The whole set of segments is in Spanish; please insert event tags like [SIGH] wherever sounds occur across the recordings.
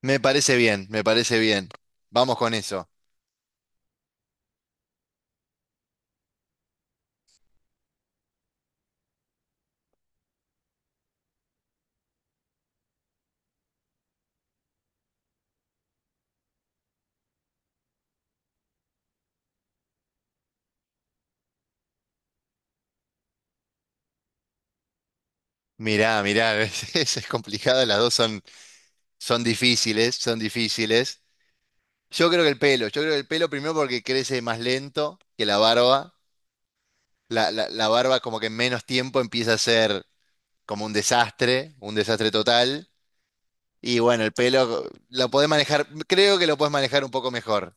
Me parece bien, me parece bien. Vamos con eso. Mirá, mirá, [LAUGHS] es, es complicado, las dos son difíciles, son difíciles. Yo creo que el pelo, yo creo que el pelo primero porque crece más lento que la barba. La barba como que en menos tiempo empieza a ser como un desastre total. Y bueno, el pelo lo podés manejar, creo que lo podés manejar un poco mejor.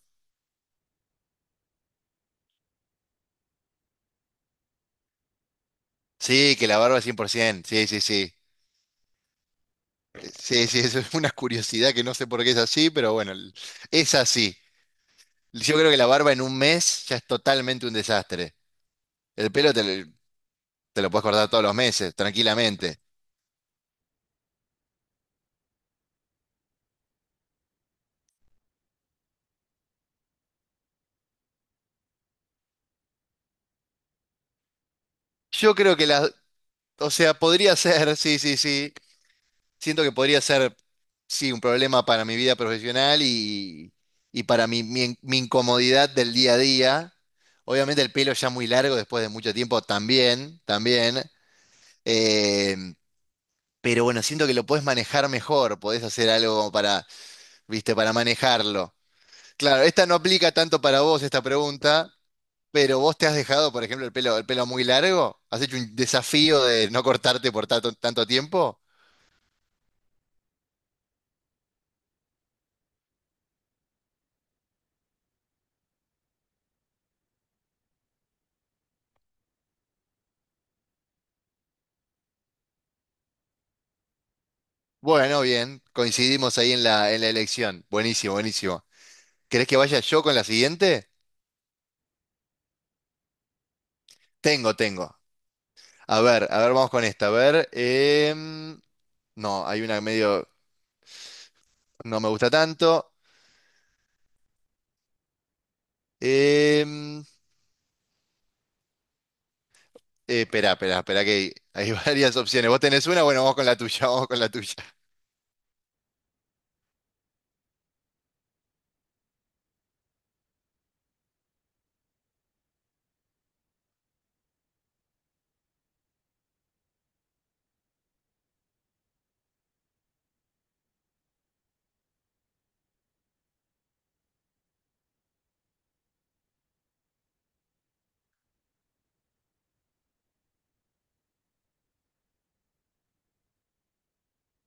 Sí, que la barba 100%, sí, sí, sí. Sí, sí, eso es una curiosidad que no sé por qué es así, pero bueno, es así. Yo creo que la barba en un mes ya es totalmente un desastre. El pelo te lo puedes cortar todos los meses, tranquilamente. Yo creo que o sea, podría [LAUGHS] ser, sí, sí, sí. Siento que podría ser, sí, un problema para mi vida profesional y para mi incomodidad del día a día. Obviamente el pelo ya muy largo después de mucho tiempo también, también. Eh, pero bueno, siento que lo podés manejar mejor, podés hacer algo como para, viste, para manejarlo. Claro, esta no aplica tanto para vos esta pregunta, pero vos te has dejado, por ejemplo, el pelo muy largo, has hecho un desafío de no cortarte por tanto, tanto tiempo. Bueno, bien, coincidimos ahí en la elección. Buenísimo, buenísimo. ¿Querés que vaya yo con la siguiente? Tengo, tengo. A ver, vamos con esta. A ver, no, hay una medio, no me gusta tanto. Em, Espera, espera, espera, que hay [LAUGHS] varias opciones. ¿Vos tenés una? Bueno, vamos con la tuya, [LAUGHS] vamos con la tuya.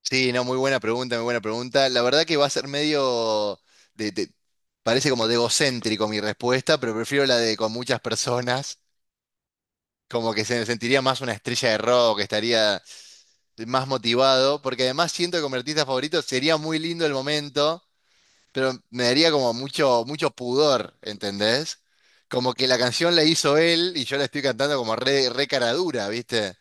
Sí, no, muy buena pregunta, muy buena pregunta. La verdad que va a ser medio de, de- parece como de egocéntrico mi respuesta, pero prefiero la de con muchas personas, como que se me sentiría más una estrella de rock, estaría más motivado, porque además siento que como artista favorito sería muy lindo el momento, pero me daría como mucho, mucho pudor, ¿entendés? Como que la canción la hizo él y yo la estoy cantando como re, re cara dura, ¿viste?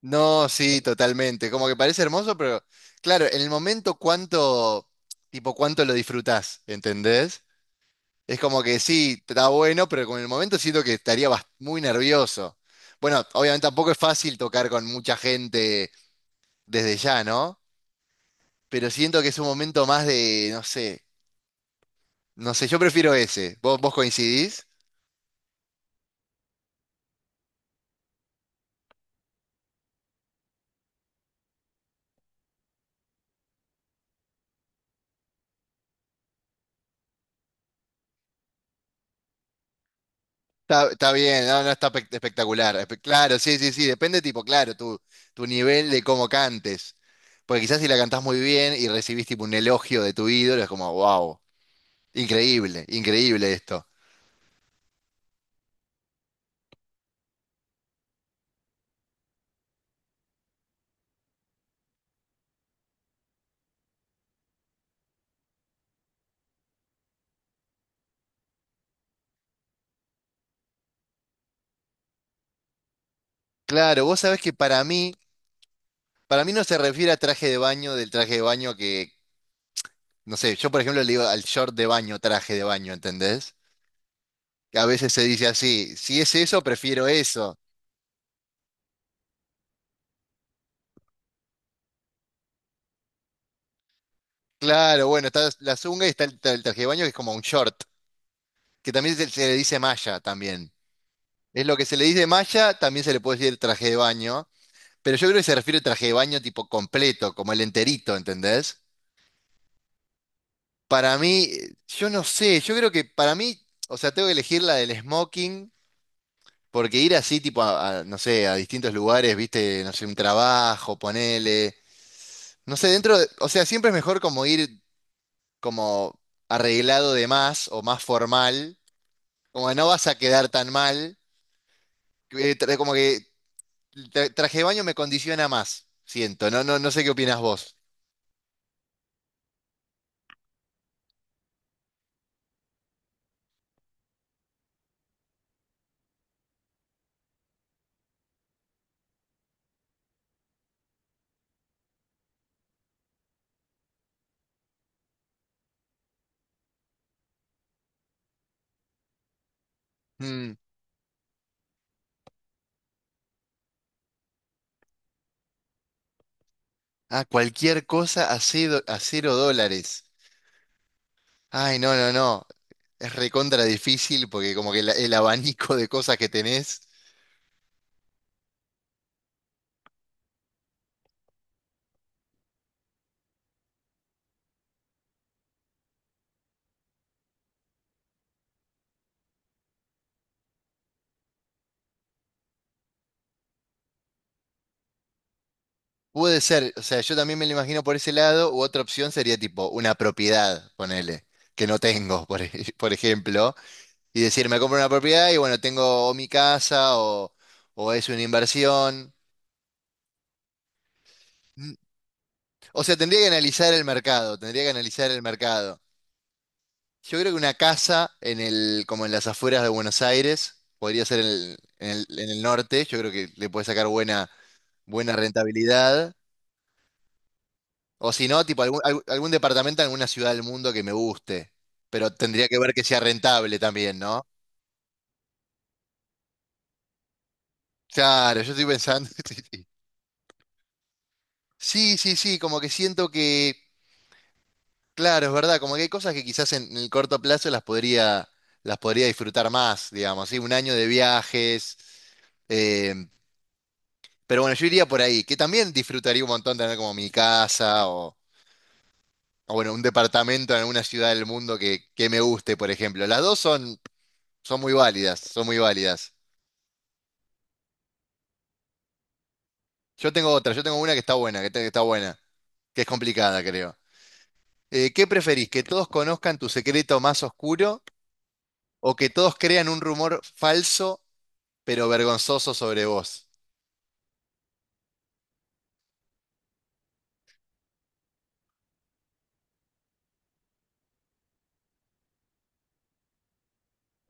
No, sí, totalmente. Como que parece hermoso, pero claro, en el momento cuánto, tipo, cuánto lo disfrutás, ¿entendés? Es como que sí, está bueno, pero con el momento siento que estaría muy nervioso. Bueno, obviamente tampoco es fácil tocar con mucha gente desde ya, ¿no? Pero siento que es un momento más de, no sé, no sé, yo prefiero ese. ¿Vos coincidís? Está bien, no, no está espectacular. Claro, sí, sí, sí, depende, tipo, claro, tu nivel de cómo cantes. Porque quizás si la cantás muy bien y recibís tipo un elogio de tu ídolo, es como, wow, increíble, increíble esto. Claro, vos sabés que para mí no se refiere a traje de baño del traje de baño que, no sé, yo por ejemplo le digo al short de baño, traje de baño, ¿entendés? Que a veces se dice así, si es eso, prefiero eso. Claro, bueno, está la zunga y está el traje de baño que es como un short, que también se le dice malla también. Es lo que se le dice malla, también se le puede decir traje de baño. Pero yo creo que se refiere al traje de baño tipo completo, como el enterito, ¿entendés? Para mí, yo no sé, yo creo que para mí, o sea, tengo que elegir la del smoking, porque ir así, tipo, no sé, a distintos lugares, viste, no sé, un trabajo, ponele, no sé, o sea, siempre es mejor como ir como arreglado de más o más formal, como no vas a quedar tan mal, que como que traje de baño me condiciona más, siento, no sé qué opinas vos. Ah, cualquier cosa a cero dólares. Ay, no, no, no. Es recontra difícil porque como que el abanico de cosas que tenés. Puede ser, o sea, yo también me lo imagino por ese lado, u otra opción sería tipo una propiedad, ponele, que no tengo, [LAUGHS] por ejemplo, y decir, me compro una propiedad y bueno, tengo o mi casa o es una inversión. Mm, O sea, tendría que analizar el mercado, tendría que analizar el mercado. Yo creo que una casa en el, como en las afueras de Buenos Aires, podría ser en el norte, yo creo que le puede sacar buena, buena rentabilidad. O si no, tipo algún algún departamento en alguna ciudad del mundo que me guste. Pero tendría que ver que sea rentable también, ¿no? Claro, yo estoy pensando. [LAUGHS] Sí, sí, sí, sí, sí, como que siento que, claro, es verdad, como que hay cosas que quizás en el corto plazo las podría disfrutar más, digamos, ¿sí? Un año de viajes. eh, Pero bueno, yo iría por ahí, que también disfrutaría un montón tener como mi casa o bueno, un departamento en alguna ciudad del mundo que me guste, por ejemplo. Las dos son muy válidas, son muy válidas. Yo tengo otra, yo tengo una que está buena, que está buena, que es complicada, creo. ¿Qué preferís? ¿Que todos conozcan tu secreto más oscuro o que todos crean un rumor falso pero vergonzoso sobre vos?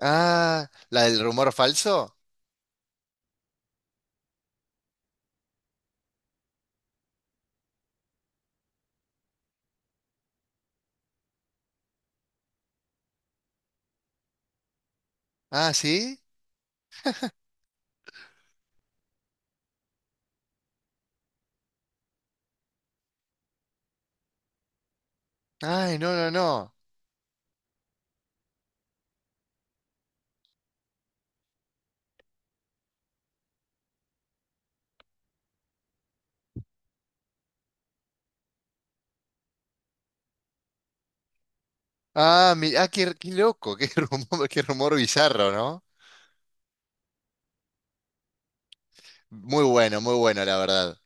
Ah, ¿la del rumor falso? Ah, ¿sí? Ay, no, no, no. Ah, qué, loco, qué [LAUGHS] rumor, qué rumor bizarro, ¿no? Muy bueno, muy bueno, la verdad.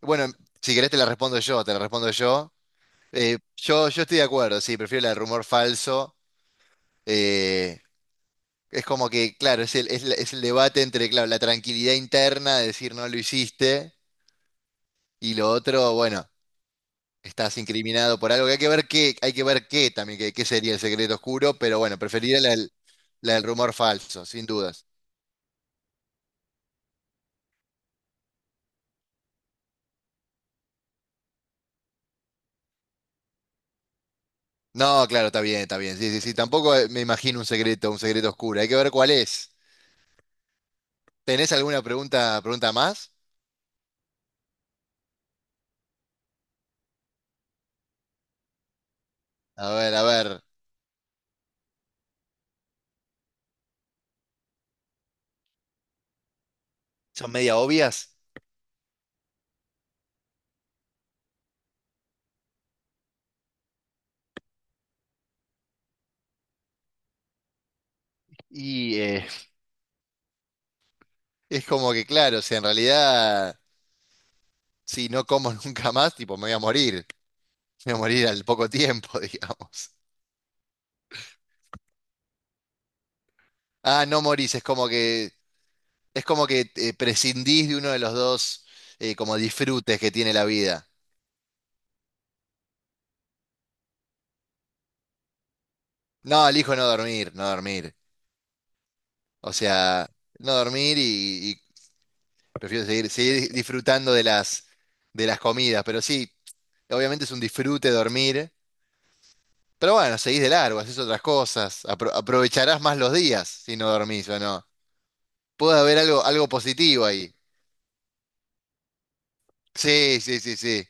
Bueno, si querés te la respondo yo, te la respondo yo. Yo estoy de acuerdo, sí, prefiero la del rumor falso. Eh, es como que, claro, es el debate entre, claro, la tranquilidad interna de decir no lo hiciste y lo otro, bueno, estás incriminado por algo que hay que ver qué, hay que ver qué también, qué sería el secreto oscuro, pero bueno, preferiría la del rumor falso, sin dudas. No, claro, está bien, está bien. Sí, sí, sí. Tampoco me imagino un secreto oscuro. Hay que ver cuál es. ¿Tenés alguna pregunta más? A ver, a ver. Son media obvias. Y [LAUGHS] es como que, claro, si en realidad, si no como [LAUGHS] nunca más, tipo, me voy a morir. Me voy a morir al poco tiempo, [LAUGHS] digamos. Ah, no morís, es como que prescindís de uno de los dos como disfrutes que tiene la vida. No, elijo no dormir, no dormir. O sea, no dormir. Prefiero seguir, seguir disfrutando de las comidas, pero sí, obviamente es un disfrute dormir. Pero bueno, seguís de largo, haces otras cosas, aprovecharás más los días si no dormís o no. Puede haber algo positivo ahí. Sí, sí, sí, sí.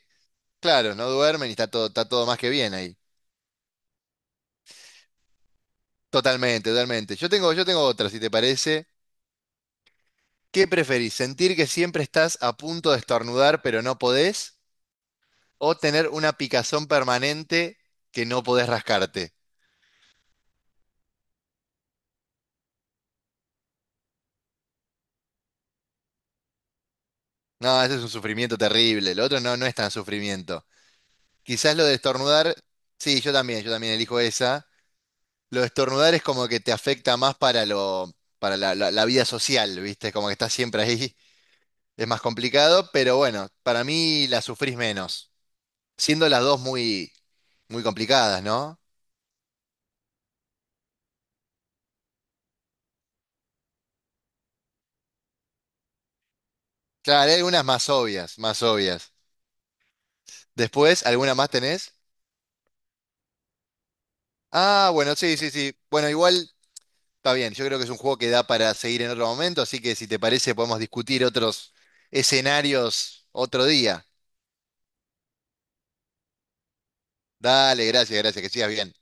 Claro, no duermen y está todo más que bien ahí. Totalmente, totalmente. Yo tengo otra, si te parece. ¿Qué preferís? ¿Sentir que siempre estás a punto de estornudar pero no podés? ¿O tener una picazón permanente que no podés rascarte? No, ese es un sufrimiento terrible. Lo otro no, no es tan sufrimiento. Quizás lo de estornudar, sí, yo también elijo esa. Lo de estornudar es como que te afecta más para lo, para la, la- la vida social, ¿viste? Como que estás siempre ahí, [LAUGHS] es más complicado, pero bueno, para mí la sufrís menos, siendo las dos muy, muy complicadas, ¿no? Claro, hay algunas más obvias, más obvias. Después, ¿alguna más tenés? Ah, bueno, sí, sí, sí. Bueno, igual. Está bien, yo creo que es un juego que da para seguir en otro momento, así que si te parece podemos discutir otros escenarios otro día. Dale, gracias, gracias, que sigas bien.